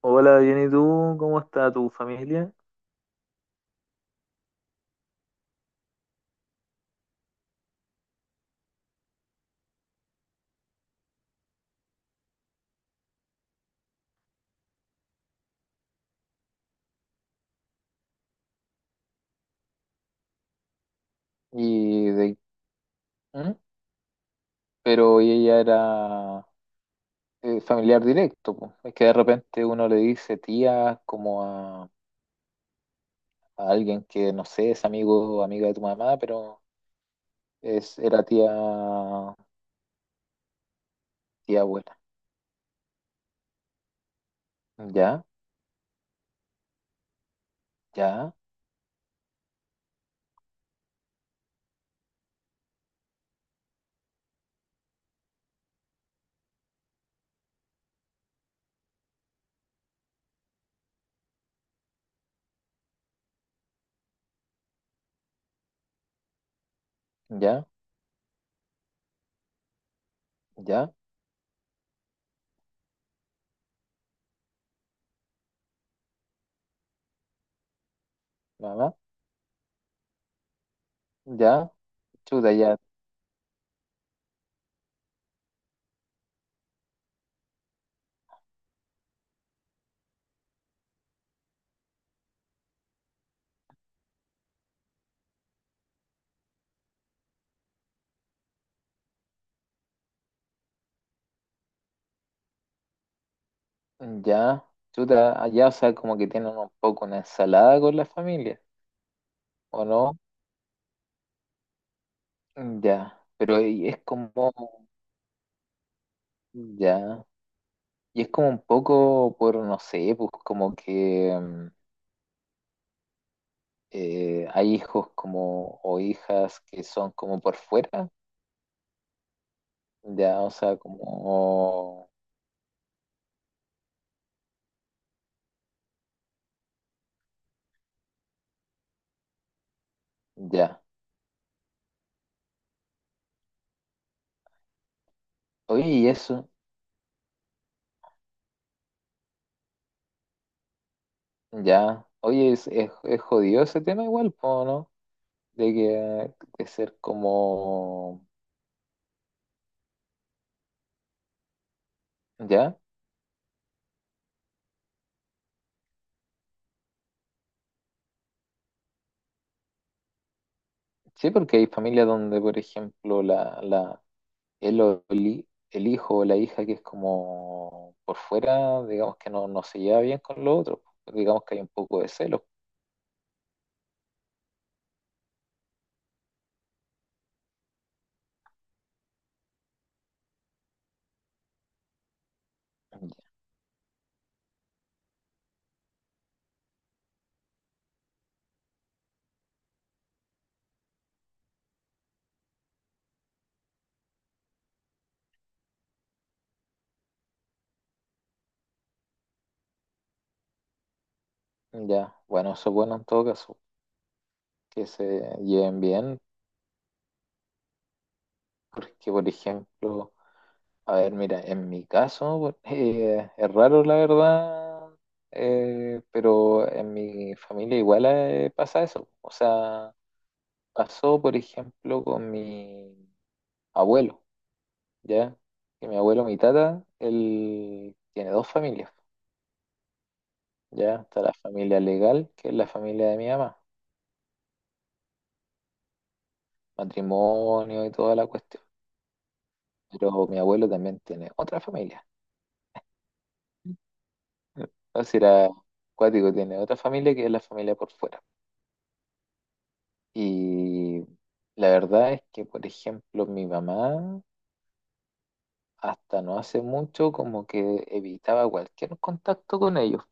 Hola, bien, ¿y tú? ¿Cómo está tu familia? Y de, ¿Mm? Pero ella era familiar directo, po. Es que de repente uno le dice tía como a alguien que no sé, es amigo o amiga de tu mamá, pero es, era tía, tía abuela. Ya, ya, ya, ya, mamá, ya, chuta, ya, ya, chuta, allá, o sea, como que tienen un poco una ensalada con la familia, ¿o no? Ya, pero es como ya. Y es como un poco por, no sé, pues como que hay hijos como o hijas que son como por fuera, ya, o sea, como, ya. Oye, y eso, ya. Oye, es jodido ese tema igual, po, ¿no? De que de ser como, ya. Sí, porque hay familias donde, por ejemplo, el, o el, el hijo o la hija que es como por fuera, digamos que no, no se lleva bien con los otros, pues, digamos que hay un poco de celos. Ya, bueno, eso es bueno en todo caso, que se lleven bien, porque por ejemplo, a ver, mira, en mi caso, por- es raro la verdad, pero en mi familia igual pasa eso. O sea, pasó por ejemplo con mi abuelo. ¿Ya? Que mi abuelo, mi tata, él tiene dos familias, ¿ya? Está la familia legal, que es la familia de mi mamá, matrimonio y toda la cuestión. Pero mi abuelo también tiene otra familia. O sea, era cuático, tiene otra familia que es la familia por fuera. Y la verdad es que, por ejemplo, mi mamá hasta no hace mucho como que evitaba cualquier contacto con ellos.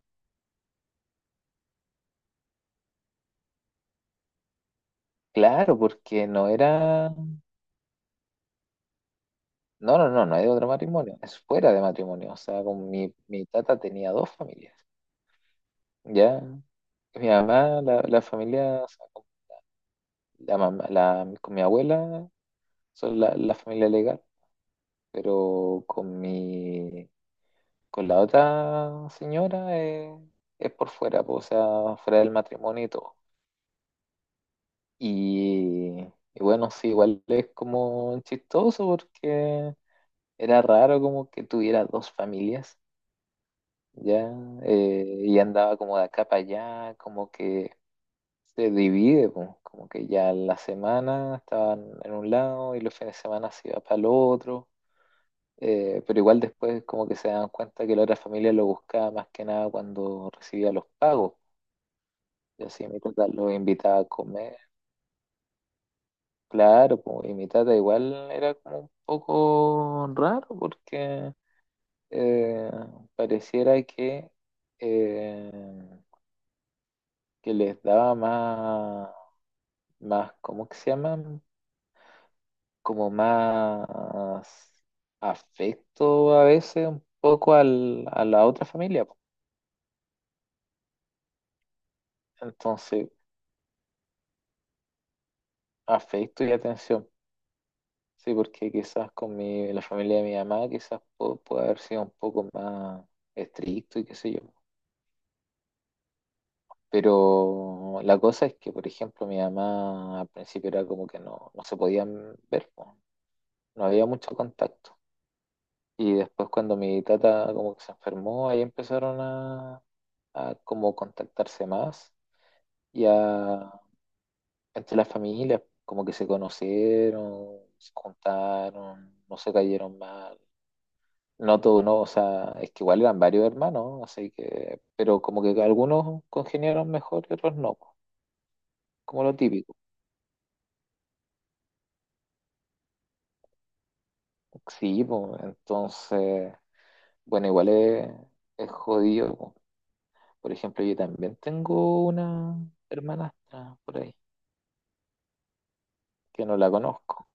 Claro, porque no era No, no, no, no hay otro matrimonio, es fuera de matrimonio. O sea, con mi, mi tata tenía dos familias. Ya, mi mamá, la familia, o sea, con la mamá, la, con mi abuela, son la familia legal, pero con mi, con la otra señora es por fuera, pues, o sea, fuera del matrimonio y todo. Y, y bueno, sí, igual es como chistoso porque era raro como que tuviera dos familias ya, y andaba como de acá para allá, como que se divide, po, como que ya la semana estaban en un lado y los fines de semana se iba para el otro, pero igual después como que se dan cuenta que la otra familia lo buscaba más que nada cuando recibía los pagos, y así mi tata lo invitaba a comer, claro, po, y mi tata igual era como un poco raro porque eh, pareciera eh, que les daba más más, ¿cómo que se llaman? Como más afecto a veces un poco al, a la otra familia. Po. Entonces, afecto y atención. Sí, porque quizás con mi, la familia de mi mamá quizás pu- puede haber sido un poco más estricto y qué sé yo. Pero la cosa es que, por ejemplo, mi mamá al principio era como que no, no se podían ver, po. No había mucho contacto. Y después cuando mi tata como que se enfermó, ahí empezaron a cómo contactarse más y a entre las familias, como que se conocieron, se juntaron, no se cayeron mal. No todo no, o sea, es que igual eran varios hermanos, así que, pero como que algunos congeniaron mejor y otros no, po, como lo típico. Sí, pues, entonces, bueno, igual es jodido. Po. Por ejemplo, yo también tengo una hermanastra por ahí, que no la conozco.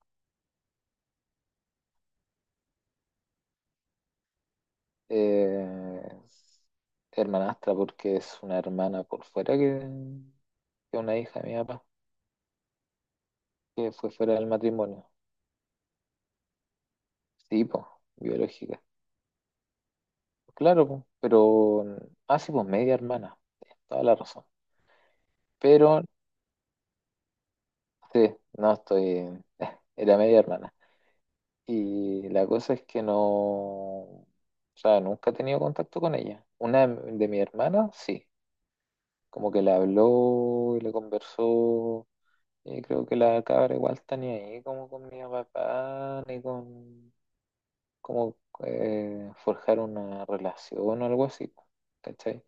Eh, hermanastra, porque es una hermana por fuera que una hija de mi papá, que fue fuera del matrimonio. Sí, pues, biológica. Claro, pues, pero... Ah, sí, pues media hermana. Tienes Toda la razón. Pero, sí, no estoy... Era media hermana. Y la cosa es que no... O sea, nunca he tenido contacto con ella. Una de mi hermana, sí. Como que le habló, y le conversó Y creo que la cabra igual está ni ahí como con mi papá, ni con como forjar una relación o algo así, po, ¿cachai?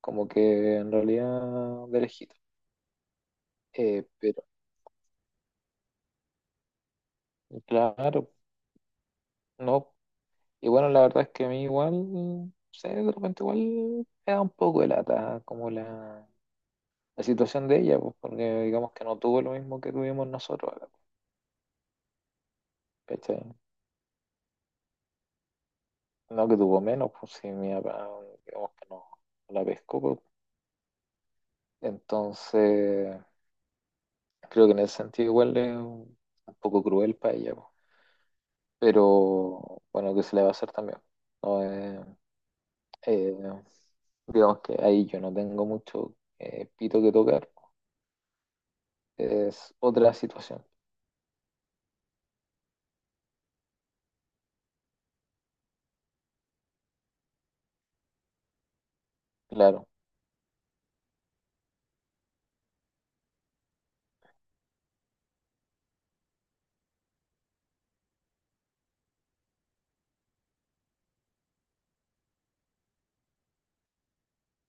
Como que en realidad de lejito. Pero, claro, no. Y bueno, la verdad es que a mí igual, no sé, de repente igual me da un poco de lata como la situación de ella, pues, porque digamos que no tuvo lo mismo que tuvimos nosotros, ¿cachai? No que tuvo menos, pues si mi papá, digamos que no no la pescó, pues, Entonces, creo que en ese sentido igual es un poco cruel para ella, po. Pero bueno, ¿qué se le va a hacer también? No, eh, digamos que ahí yo no tengo mucho pito que tocar. Es otra situación. Claro,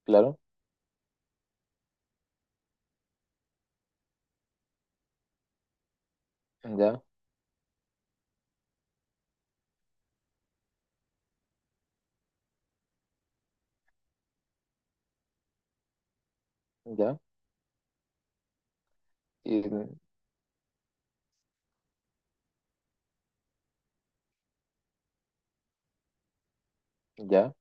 claro, ya, ya, y ya,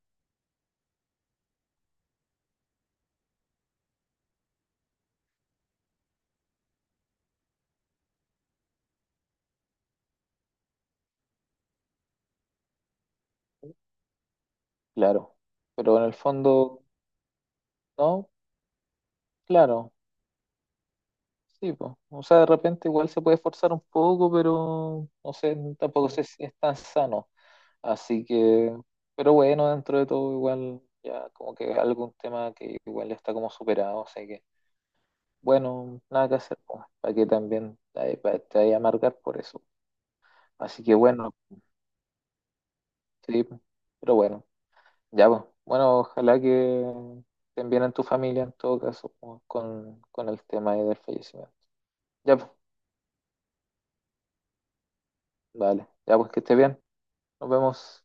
claro. Pero en el fondo, no, claro, sí, pues. O sea, de repente igual se puede forzar un poco, pero no sé, tampoco sé si es tan sano. Así que, pero bueno, dentro de todo igual ya como que es algún tema que igual ya está como superado, así que bueno, nada que hacer, para que también te, pa- te vaya a amargar por eso. Así que bueno, sí, pero bueno, ya pues. Bueno, ojalá que estén bien en tu familia en todo caso po, con el tema ahí del fallecimiento. Ya pues, vale, ya pues que esté bien. Nos vemos.